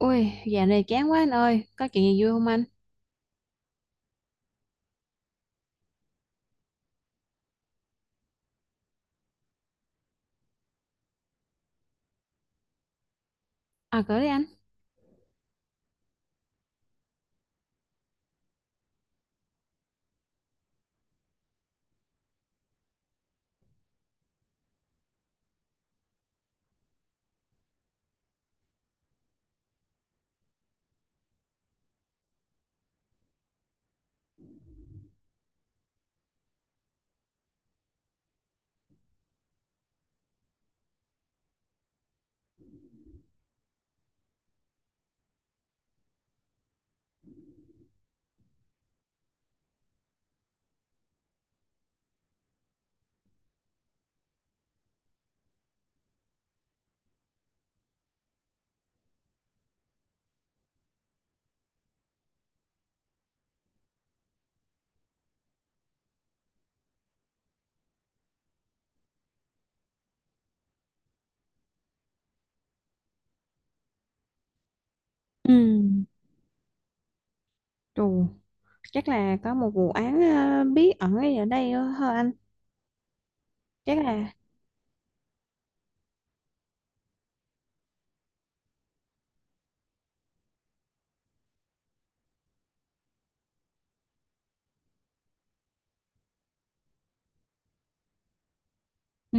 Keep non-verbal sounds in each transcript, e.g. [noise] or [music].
Ui, dạo này chán quá anh ơi, có chuyện gì vui không anh? À, cỡ đi anh. Ừ, trù, chắc là có một vụ án bí ẩn ấy ở đây hả anh? Chắc là ừ.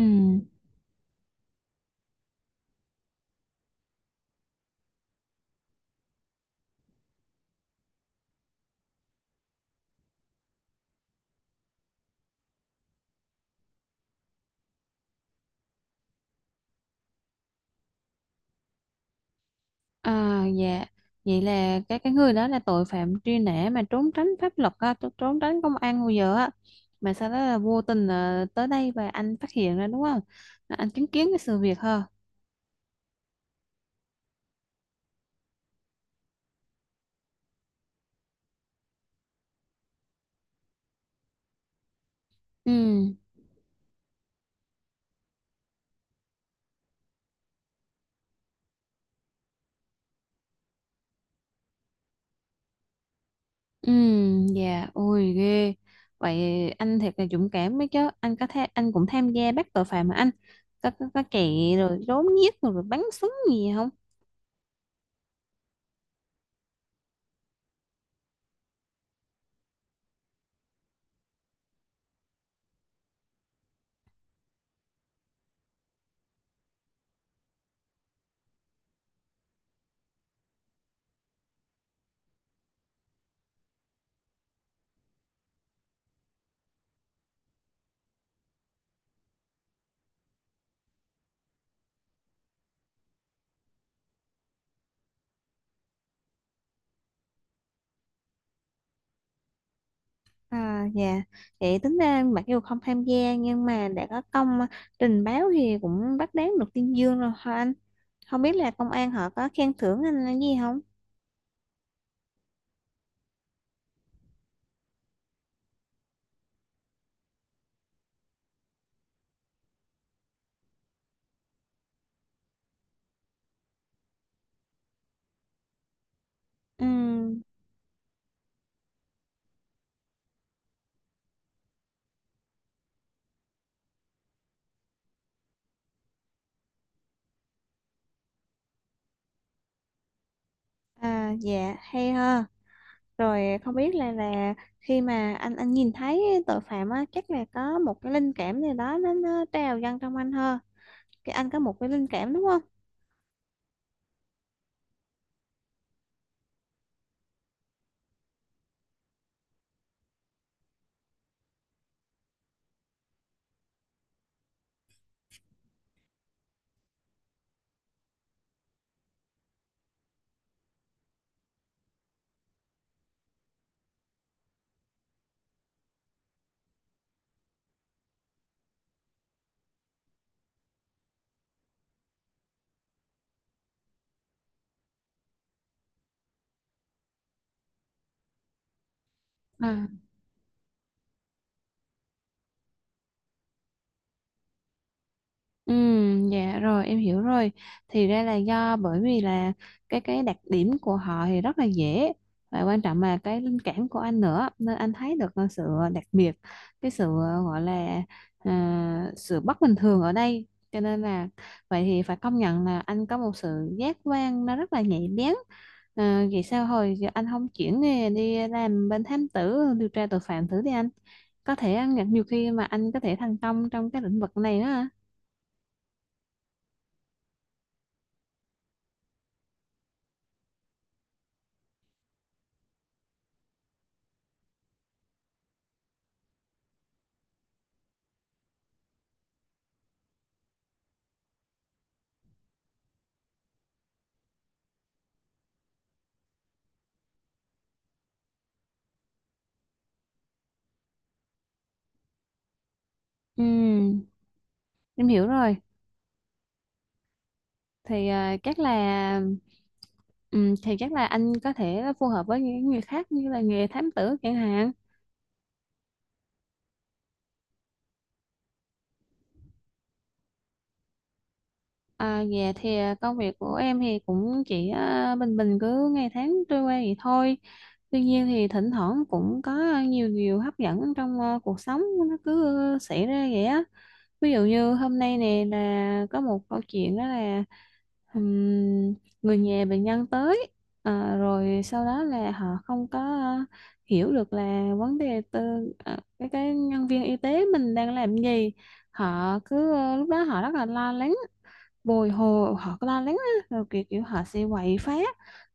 À, dạ, vậy là cái người đó là tội phạm truy nã mà trốn tránh pháp luật á, trốn tránh công an hồi giờ á. Mà sau đó là vô tình ờ, tới đây và anh phát hiện ra đúng không? Là anh chứng kiến cái sự việc ha. Ừ. Ừ, dạ, ôi ghê. Vậy anh thiệt là dũng cảm mấy chứ. Anh có thể anh cũng tham gia bắt tội phạm mà anh. Có chạy rồi trốn giết rồi, rồi bắn súng gì không? À, dạ. Vậy tính ra mặc dù không tham gia nhưng mà đã có công trình báo thì cũng bắt đáng được tuyên dương rồi hả anh? Không biết là công an họ có khen thưởng anh là gì không? Ừ, à, dạ, hay ha. Rồi không biết là khi mà anh nhìn thấy tội phạm á, chắc là có một cái linh cảm gì đó nó trào dâng trong anh hơn. Cái anh có một cái linh cảm đúng không? Ừ. Ừ, dạ rồi em hiểu rồi, thì ra là do bởi vì là cái đặc điểm của họ thì rất là dễ, và quan trọng là cái linh cảm của anh nữa nên anh thấy được ờ, sự đặc biệt, cái sự ờ, gọi là à, sự bất bình thường ở đây, cho nên là vậy thì phải công nhận là anh có một sự giác quan nó rất là nhạy bén. À, vậy sao hồi giờ anh không chuyển nghề đi làm bên thám tử điều tra tội phạm thử đi anh, có thể ờ, nhiều khi mà anh có thể thành công trong cái lĩnh vực này đó. Ừm, em hiểu rồi. Thì à, chắc là thì chắc là anh có thể phù hợp với những người khác như là nghề thám tử chẳng hạn. À, dạ thì à, công việc của em thì cũng chỉ à, bình bình cứ ngày tháng trôi qua vậy thôi. Tuy nhiên thì thỉnh thoảng cũng có nhiều điều hấp dẫn trong à, cuộc sống nó cứ xảy ra vậy á. Ví dụ như hôm nay nè là có một câu chuyện đó là ừm, người nhà bệnh nhân tới ờ, rồi sau đó là họ không có ờ, hiểu được là vấn đề từ ờ, cái nhân viên y tế mình đang làm gì, họ cứ ờ, lúc đó họ rất là lo lắng bồi hồi, họ có la lắng á, rồi kiểu kiểu họ sẽ quậy phá,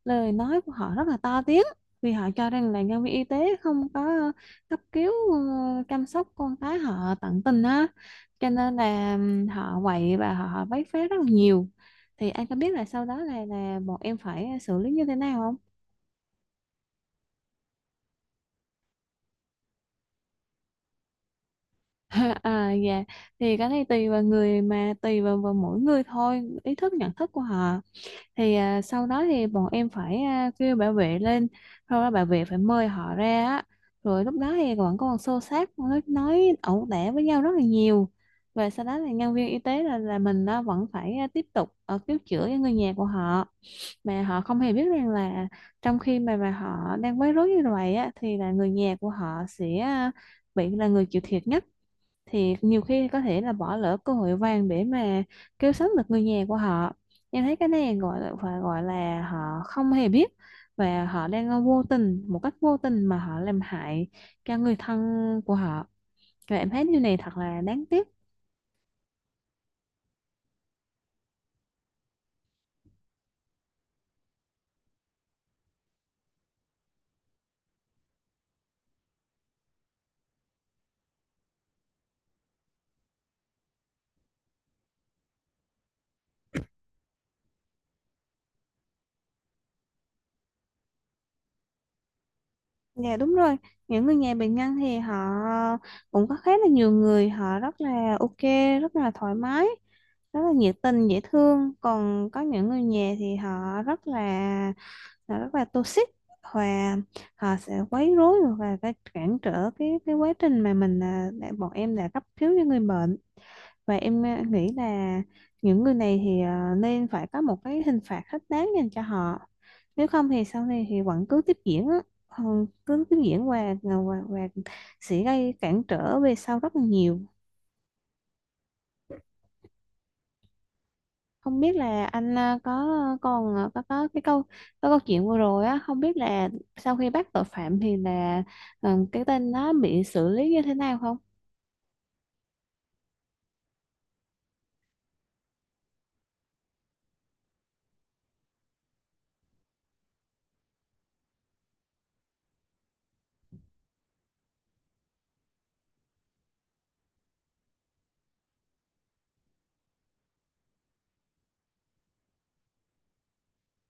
lời nói của họ rất là to tiếng vì họ cho rằng là nhân viên y tế không có ờ, cấp cứu ờ, chăm sóc con cái họ tận tình á, cho nên là họ quậy và họ bấy phá rất là nhiều. Thì anh có biết là sau đó là bọn em phải xử lý như thế nào không? [laughs] À dạ, thì cái này tùy vào người, mà tùy vào, vào mỗi người thôi, ý thức nhận thức của họ. Thì à, sau đó thì bọn em phải à, kêu bảo vệ lên, sau đó bảo vệ phải mời họ ra á, rồi lúc đó thì vẫn còn xô xát, nói ẩu đả với nhau rất là nhiều. Và sau đó thì nhân viên y tế là mình nó vẫn phải à, tiếp tục cứu chữa cho người nhà của họ, mà họ không hề biết rằng là trong khi mà họ đang bối rối như vậy á thì là người nhà của họ sẽ à, bị là người chịu thiệt nhất, thì nhiều khi có thể là bỏ lỡ cơ hội vàng để mà cứu sống được người nhà của họ. Em thấy cái này gọi là phải gọi là họ không hề biết, và họ đang vô tình một cách vô tình mà họ làm hại cho người thân của họ, và em thấy điều này thật là đáng tiếc. Dạ đúng rồi, những người nhà bệnh nhân thì họ cũng có khá là nhiều người họ rất là ok, rất là thoải mái, rất là nhiệt tình dễ thương, còn có những người nhà thì họ rất là rất là toxic, và họ sẽ quấy rối và phải cản trở cái quá trình mà mình à, đã, bọn em đã cấp cứu cho người bệnh. Và em à, nghĩ là những người này thì à, nên phải có một cái hình phạt thích đáng dành cho họ, nếu không thì sau này thì vẫn cứ tiếp diễn á. Ờ, cứ tiếp diễn và sẽ gây cản trở về sau rất là nhiều. Không biết là anh à, có còn à, có cái câu, có câu chuyện vừa rồi á, không biết là sau khi bắt tội phạm thì là ờ, cái tên nó bị xử lý như thế nào không?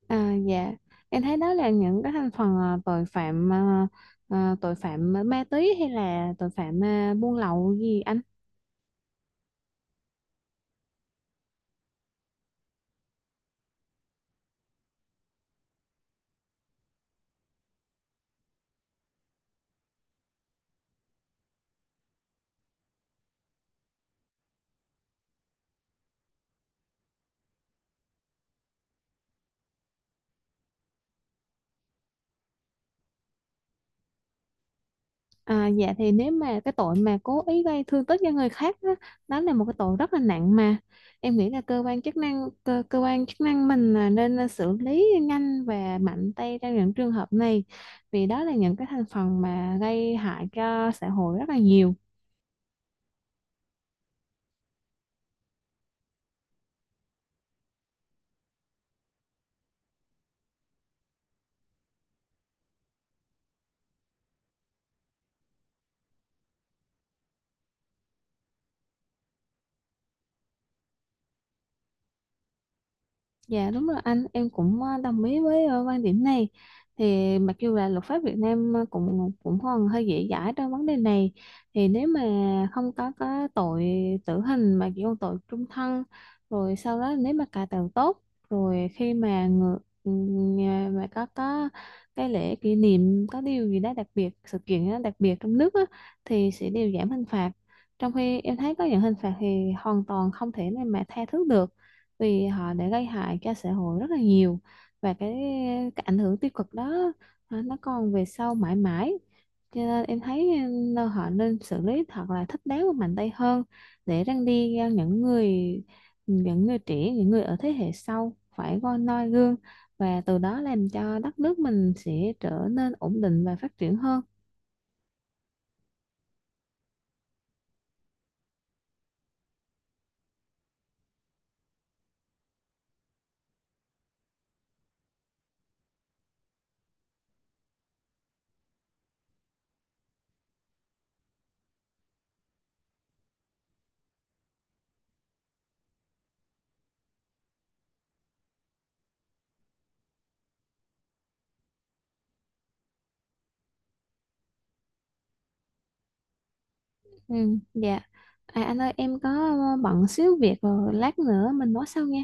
À dạ, em thấy đó là những cái thành phần à, tội phạm à, à, tội phạm ma túy hay là tội phạm à, buôn lậu gì anh? À, dạ thì nếu mà cái tội mà cố ý gây thương tích cho người khác đó, đó là một cái tội rất là nặng, mà em nghĩ là cơ quan chức năng mình là nên là xử lý nhanh và mạnh tay trong những trường hợp này, vì đó là những cái thành phần mà gây hại cho xã hội rất là nhiều. Dạ đúng rồi anh, em cũng ờ, đồng ý với ờ, quan điểm này. Thì mặc dù là luật pháp Việt Nam ờ, cũng cũng còn hơi dễ dãi trong vấn đề này, thì nếu mà không có tội tử hình mà chỉ có tội trung thân, rồi sau đó nếu mà cải tạo tốt, rồi khi mà ngự, ừ, mà có cái lễ kỷ niệm có điều gì đó đặc biệt, sự kiện đó đặc biệt trong nước á, thì sẽ đều giảm hình phạt. Trong khi em thấy có những hình phạt thì hoàn toàn không thể nào mà tha thứ được, vì họ đã gây hại cho xã hội rất là nhiều, và cái ảnh hưởng tiêu cực đó à, nó còn về sau mãi mãi, cho nên em thấy ừ, họ nên xử lý thật là thích đáng và mạnh tay hơn, để răn đi à, những người, những người trẻ, những người ở thế hệ sau phải coi noi gương, và từ đó làm cho đất nước mình sẽ trở nên ổn định và phát triển hơn. Ừ, dạ. À, anh ơi em có bận xíu việc rồi, lát nữa mình nói sau nha.